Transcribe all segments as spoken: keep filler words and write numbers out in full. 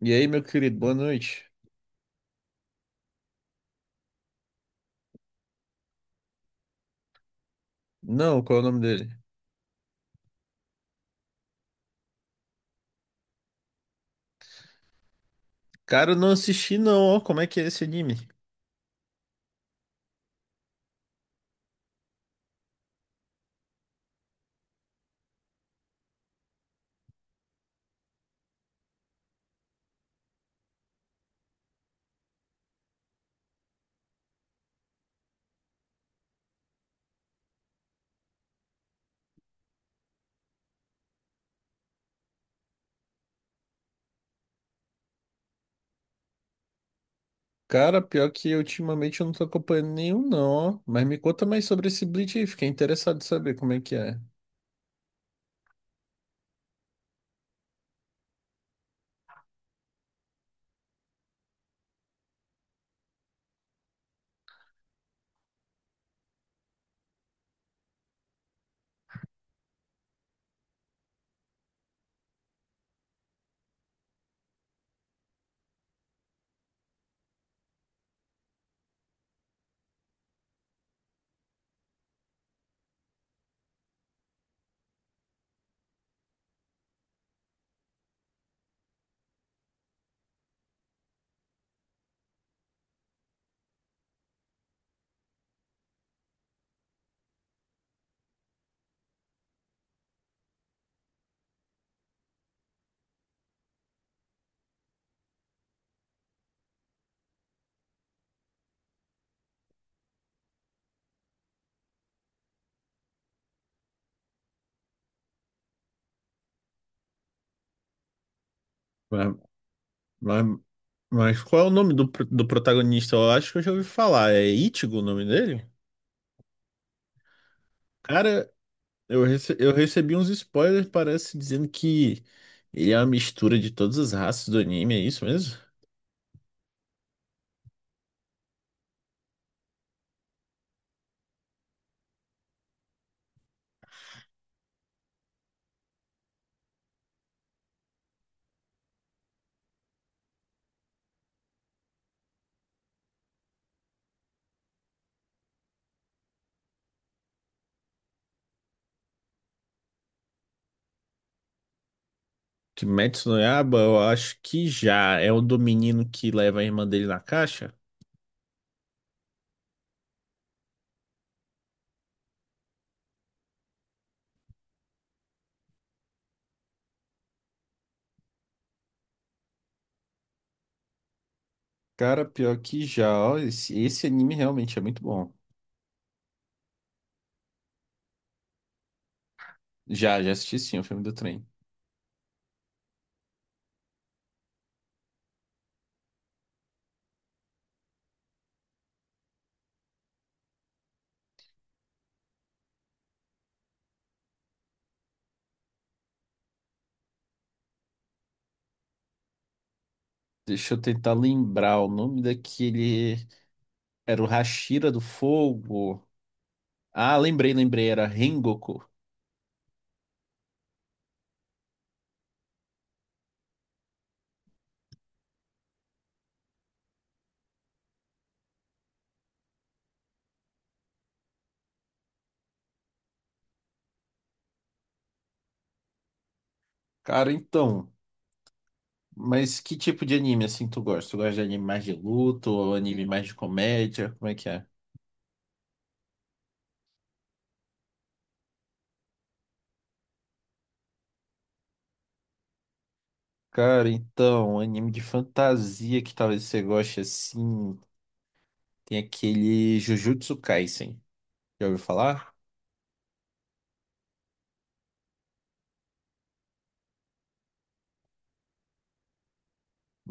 E aí, meu querido, boa noite. Não, qual é o nome dele? Cara, eu não assisti não, ó. Como é que é esse anime? Cara, pior que ultimamente eu não tô acompanhando nenhum não, ó. Mas me conta mais sobre esse Bleach aí, fiquei interessado em saber como é que é. Mas, mas, mas qual é o nome do, pro- do protagonista? Eu acho que eu já ouvi falar. É Ichigo o nome dele? Cara, eu, rece- eu recebi uns spoilers, parece, dizendo que ele é uma mistura de todas as raças do anime, é isso mesmo? Kimetsu no Yaiba, eu acho que já. É o do menino que leva a irmã dele na caixa? Cara, pior que já, ó, esse, esse anime realmente é muito bom. Já, já assisti sim o filme do trem. Deixa eu tentar lembrar o nome daquele. Era o Hashira do Fogo. Ah, lembrei, lembrei, era Rengoku. Cara, então. Mas que tipo de anime assim tu gosta? Tu gosta de anime mais de luta ou anime mais de comédia? Como é que é? Cara, então, anime de fantasia que talvez você goste assim. Tem aquele Jujutsu Kaisen. Já ouviu falar?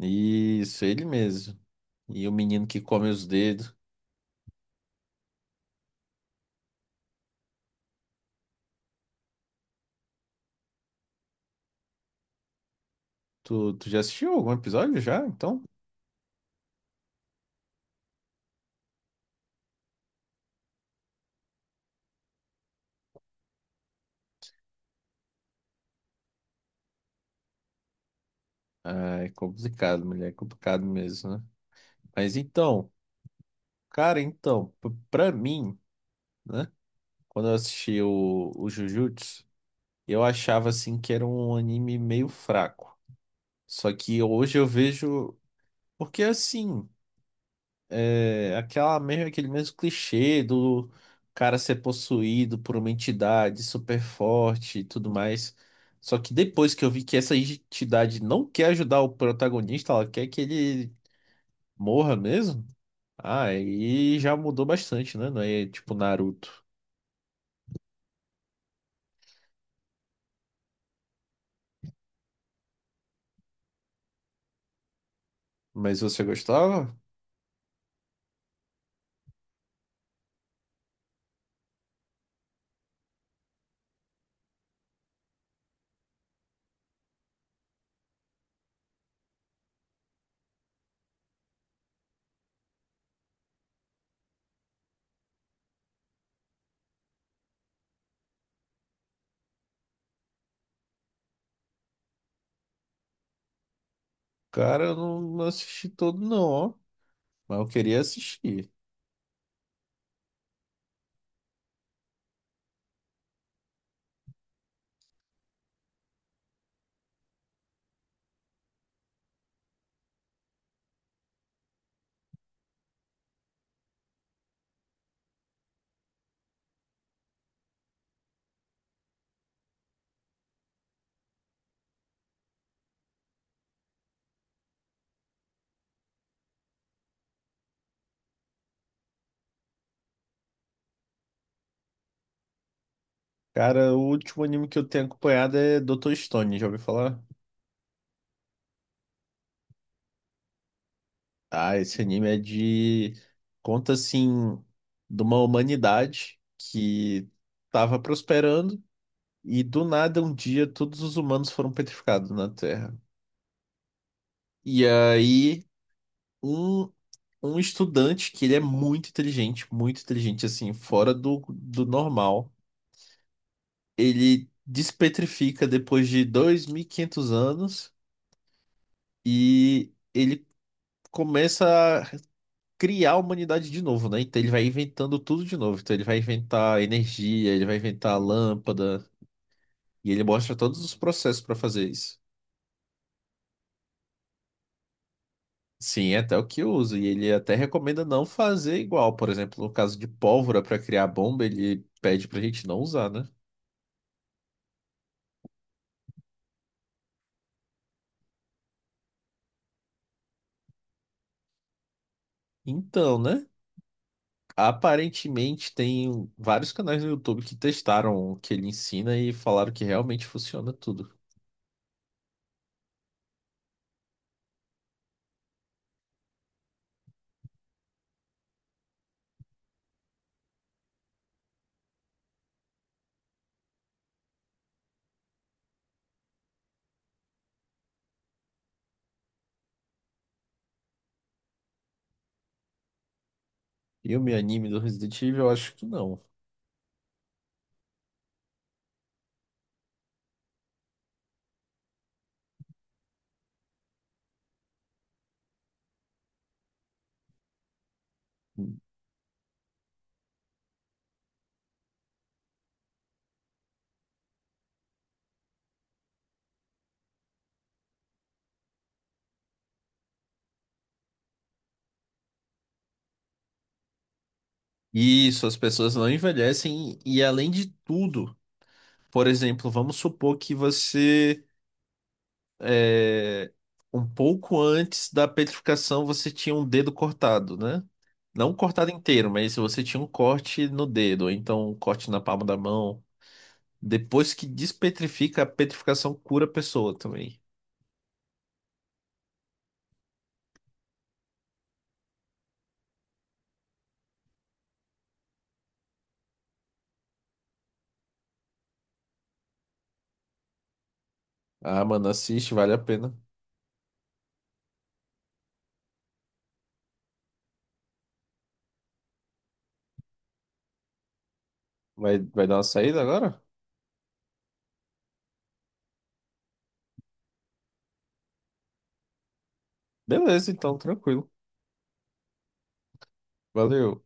Isso, ele mesmo. E o menino que come os dedos. Tu, tu já assistiu algum episódio já? Então? Ah, é complicado, mulher. É complicado mesmo, né? Mas então, cara, então, p- pra mim, né? Quando eu assisti o, o Jujutsu, eu achava assim que era um anime meio fraco. Só que hoje eu vejo. Porque assim. É, aquela mesmo, aquele mesmo clichê do cara ser possuído por uma entidade super forte e tudo mais. Só que depois que eu vi que essa entidade não quer ajudar o protagonista, ela quer que ele morra mesmo. Ah, aí já mudou bastante, né? Não é tipo Naruto. Mas você gostava? Cara, eu não, não assisti todo, não, ó. Mas eu queria assistir. Cara, o último anime que eu tenho acompanhado é doutor Stone, já ouviu falar? Ah, esse anime é de. Conta, assim, de uma humanidade que tava prosperando e do nada um dia todos os humanos foram petrificados na Terra. E aí, um, um estudante que ele é muito inteligente, muito inteligente, assim, fora do, do normal, ele despetrifica depois de dois mil e quinhentos anos e ele começa criar a humanidade de novo, né? Então ele vai inventando tudo de novo. Então ele vai inventar energia, ele vai inventar lâmpada, e ele mostra todos os processos para fazer isso. Sim, é até o que usa, e ele até recomenda não fazer igual. Por exemplo, no caso de pólvora para criar bomba, ele pede pra gente não usar, né? Então, né? Aparentemente tem vários canais no YouTube que testaram o que ele ensina e falaram que realmente funciona tudo. E o meu anime do Resident Evil, eu acho que não. Isso, as pessoas não envelhecem e além de tudo, por exemplo, vamos supor que você é, um pouco antes da petrificação você tinha um dedo cortado, né? Não cortado inteiro, mas se você tinha um corte no dedo, ou então um corte na palma da mão, depois que despetrifica, a petrificação cura a pessoa também. Ah, mano, assiste, vale a pena. Vai, vai dar uma saída agora? Beleza, então, tranquilo. Valeu.